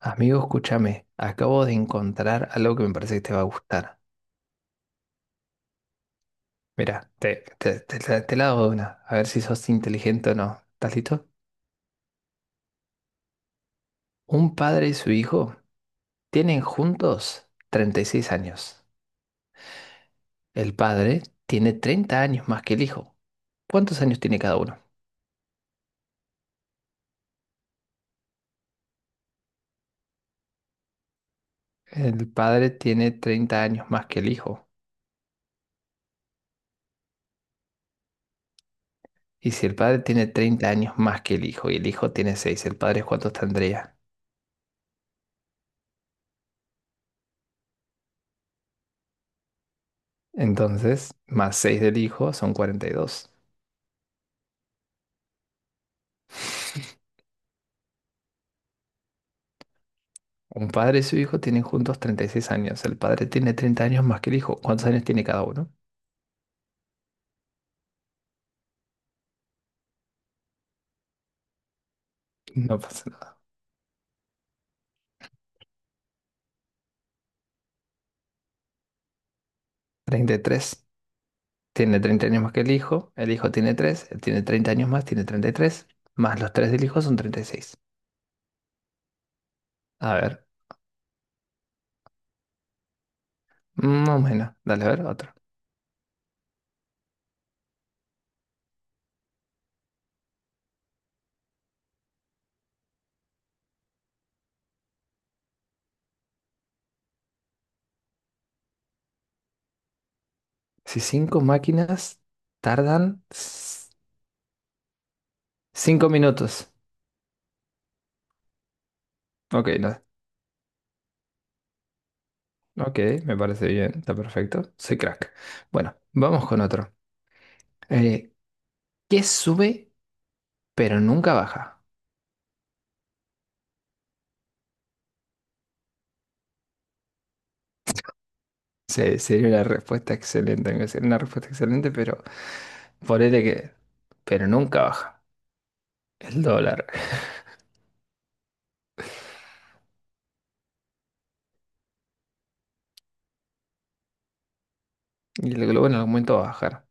Amigo, escúchame, acabo de encontrar algo que me parece que te va a gustar. Mira, te la hago de una, a ver si sos inteligente o no. ¿Estás listo? Un padre y su hijo tienen juntos 36 años. El padre tiene 30 años más que el hijo. ¿Cuántos años tiene cada uno? El padre tiene 30 años más que el hijo. Y si el padre tiene 30 años más que el hijo y el hijo tiene 6, ¿el padre cuántos tendría? Entonces, más 6 del hijo son 42. Un padre y su hijo tienen juntos 36 años. El padre tiene 30 años más que el hijo. ¿Cuántos años tiene cada uno? No pasa nada. 33. Tiene treinta años más que el hijo. El hijo tiene tres. Él tiene 30 años más, tiene 33. Más los 3 del hijo son treinta y seis. A ver, más o menos. Dale, a ver, otro. Si cinco máquinas tardan 5 minutos. Ok, no. Ok, me parece bien. Está perfecto. Soy crack. Bueno, vamos con otro. Eh, ¿Qué sube pero nunca baja? Sería una respuesta excelente, aunque sería una respuesta excelente, pero ponele que, pero nunca baja el dólar. Y el globo en algún momento va a bajar.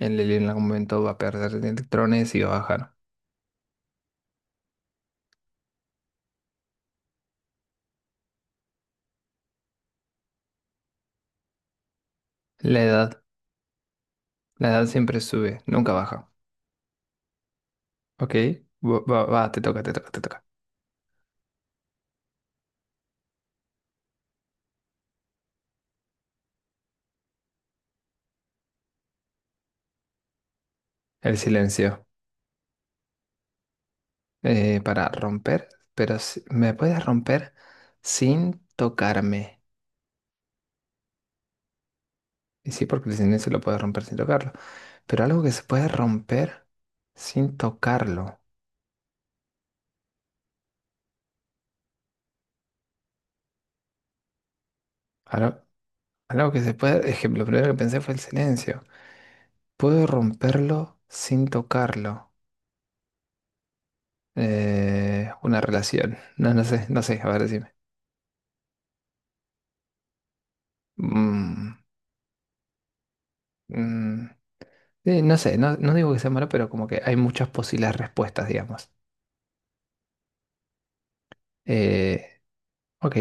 El helio en algún momento va a perder electrones y va a bajar. La edad, la edad siempre sube, nunca baja. ¿Ok? Va, te toca, te toca, te toca. El silencio. Para romper, pero me puedes romper sin tocarme. Y sí, porque el silencio lo puedes romper sin tocarlo. Pero algo que se puede romper sin tocarlo. Algo, algo que se puede, ejemplo, lo primero que pensé fue el silencio. Puedo romperlo sin tocarlo. Una relación. No, no sé, no sé, a ver, decime. Mm, mm, no sé, no, no digo que sea malo, pero como que hay muchas posibles respuestas, digamos. Eh, ok,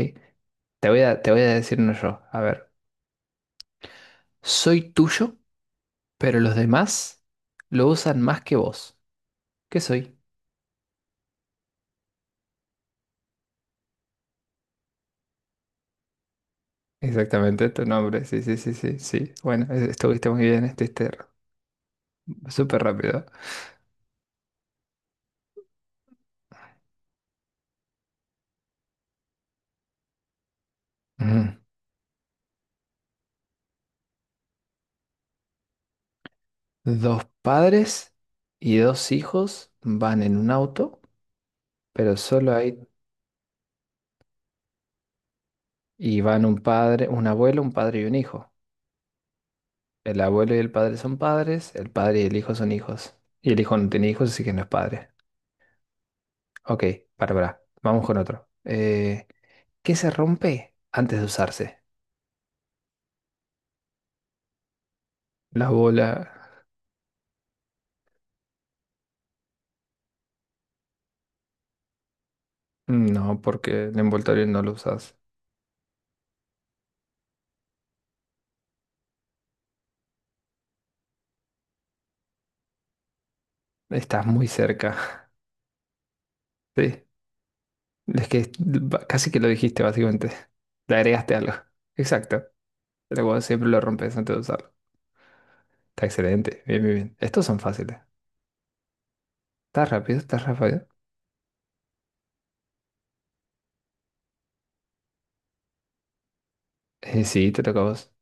te voy a decir uno yo. A ver, soy tuyo, pero los demás lo usan más que vos. ¿Qué soy? Exactamente, tu nombre. Sí, sí, sí, sí, sí. Bueno, estuviste muy bien, estuviste súper rápido. Ujú. Dos padres y dos hijos van en un auto, pero solo hay... Y van un padre, un abuelo, un padre y un hijo. El abuelo y el padre son padres, el padre y el hijo son hijos. Y el hijo no tiene hijos, así que no es padre. Ok, para, para. Vamos con otro. ¿Qué se rompe antes de usarse? La bola. No, porque el envoltorio no lo usas. Estás muy cerca. Sí. Es que casi que lo dijiste, básicamente. Le agregaste algo. Exacto. Pero vos siempre lo rompes antes de usarlo. Está excelente. Bien, bien, bien. Estos son fáciles. ¿Estás rápido? ¿Estás rápido? Sí, te toca a vos.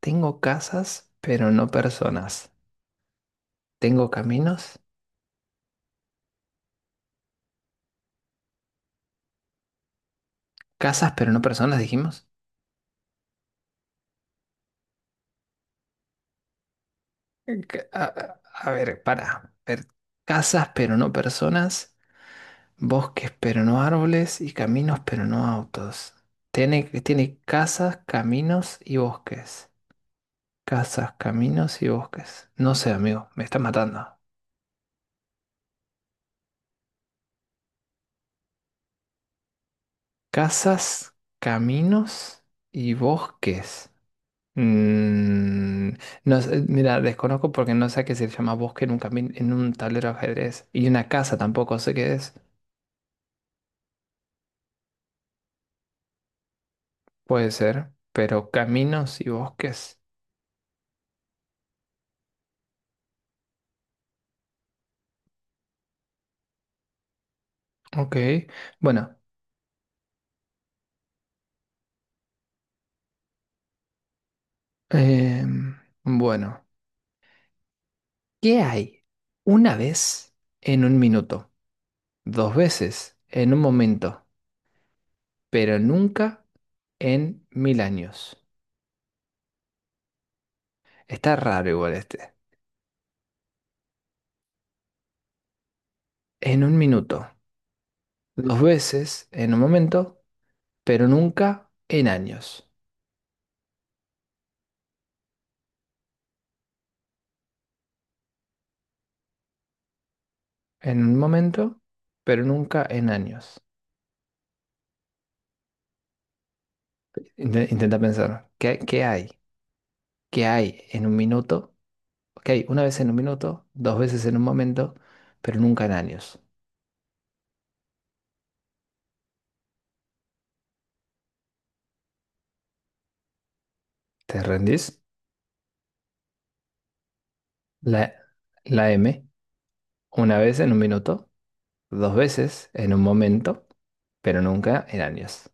Tengo casas, pero no personas. Tengo caminos. Casas, pero no personas, dijimos. Eh, ca- A, a- a ver, para. A ver. Casas, pero no personas. Bosques, pero no árboles. Y caminos, pero no autos. Tiene, tiene casas, caminos y bosques. Casas, caminos y bosques. No sé, amigo, me está matando. Casas, caminos y bosques. Mm, no sé, mira, desconozco porque no sé a qué se llama bosque en un en un tablero de ajedrez. Y una casa tampoco sé qué es. Puede ser, pero caminos y bosques. Ok. Bueno, em, bueno. ¿Qué hay? Una vez en un minuto, dos veces en un momento, pero nunca en mil años. Está raro igual este. En un minuto. Dos veces en un momento, pero nunca en años. En un momento, pero nunca en años. Intenta pensar, ¿qué, qué hay? ¿Qué hay en un minuto? Ok, una vez en un minuto, dos veces en un momento, pero nunca en años. ¿Te rendís? La, la M, una vez en un minuto, dos veces en un momento, pero nunca en años.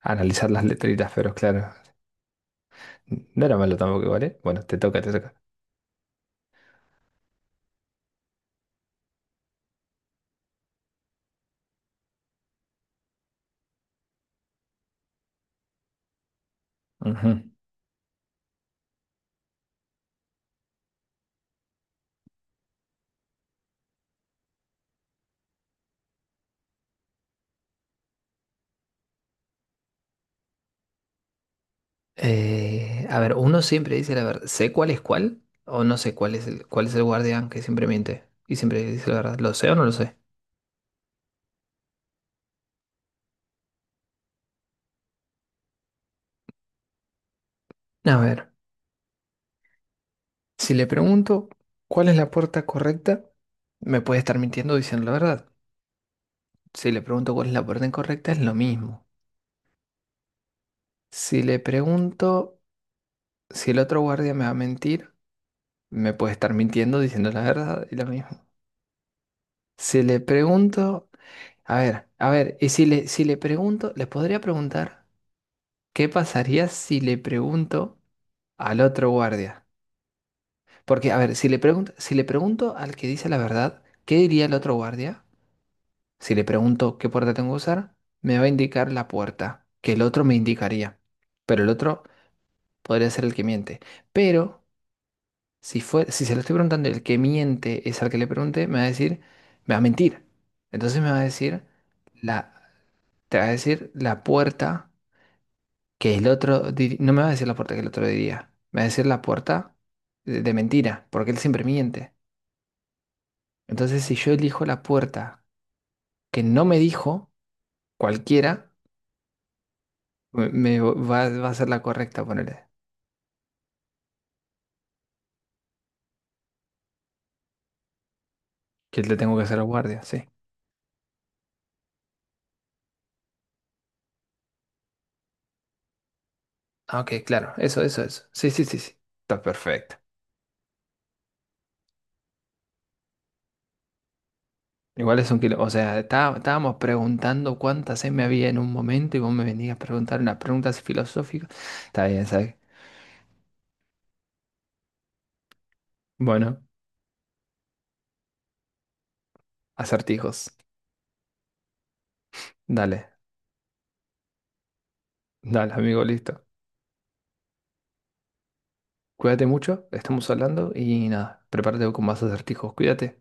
Analizar las letritas, pero claro. No era malo tampoco, ¿vale? Bueno, te toca, te toca. Ujú. A ver, uno siempre dice la verdad. ¿Sé cuál es cuál? ¿O no sé cuál es el guardián que siempre miente? Y siempre dice la verdad. ¿Lo sé o no lo sé? A ver, si le pregunto cuál es la puerta correcta, me puede estar mintiendo diciendo la verdad. Si le pregunto cuál es la puerta incorrecta, es lo mismo. Si le pregunto si el otro guardia me va a mentir, me puede estar mintiendo diciendo la verdad y lo mismo. Si le pregunto a ver, a ver, y si le, pregunto, les podría preguntar, ¿qué pasaría si le pregunto al otro guardia? Porque, a ver, si le pregunto al que dice la verdad, ¿qué diría el otro guardia? Si le pregunto qué puerta tengo que usar, me va a indicar la puerta, que el otro me indicaría. Pero el otro podría ser el que miente. Pero si fue, si se lo estoy preguntando, el que miente es al que le pregunte, me va a decir, me va a mentir. Entonces me va a decir la, te va a decir la puerta, que el otro, no me va a decir la puerta que el otro diría, me va a decir la puerta de mentira, porque él siempre miente. Entonces, si yo elijo la puerta que no me dijo cualquiera, me va a ser la correcta, ponerle, que le tengo que hacer al guardia, sí. Ah, ok, claro, eso, eso, eso. Sí, sí, sí, sí. Está perfecto. Igual es un kilo, o sea, estábamos preguntando cuánta me había en un momento y vos me venías a preguntar unas preguntas filosóficas. Está bien, ¿sabes? Bueno, acertijos. Dale, dale, amigo, listo. Cuídate mucho, estamos hablando y nada, prepárate con más acertijos. Cuídate.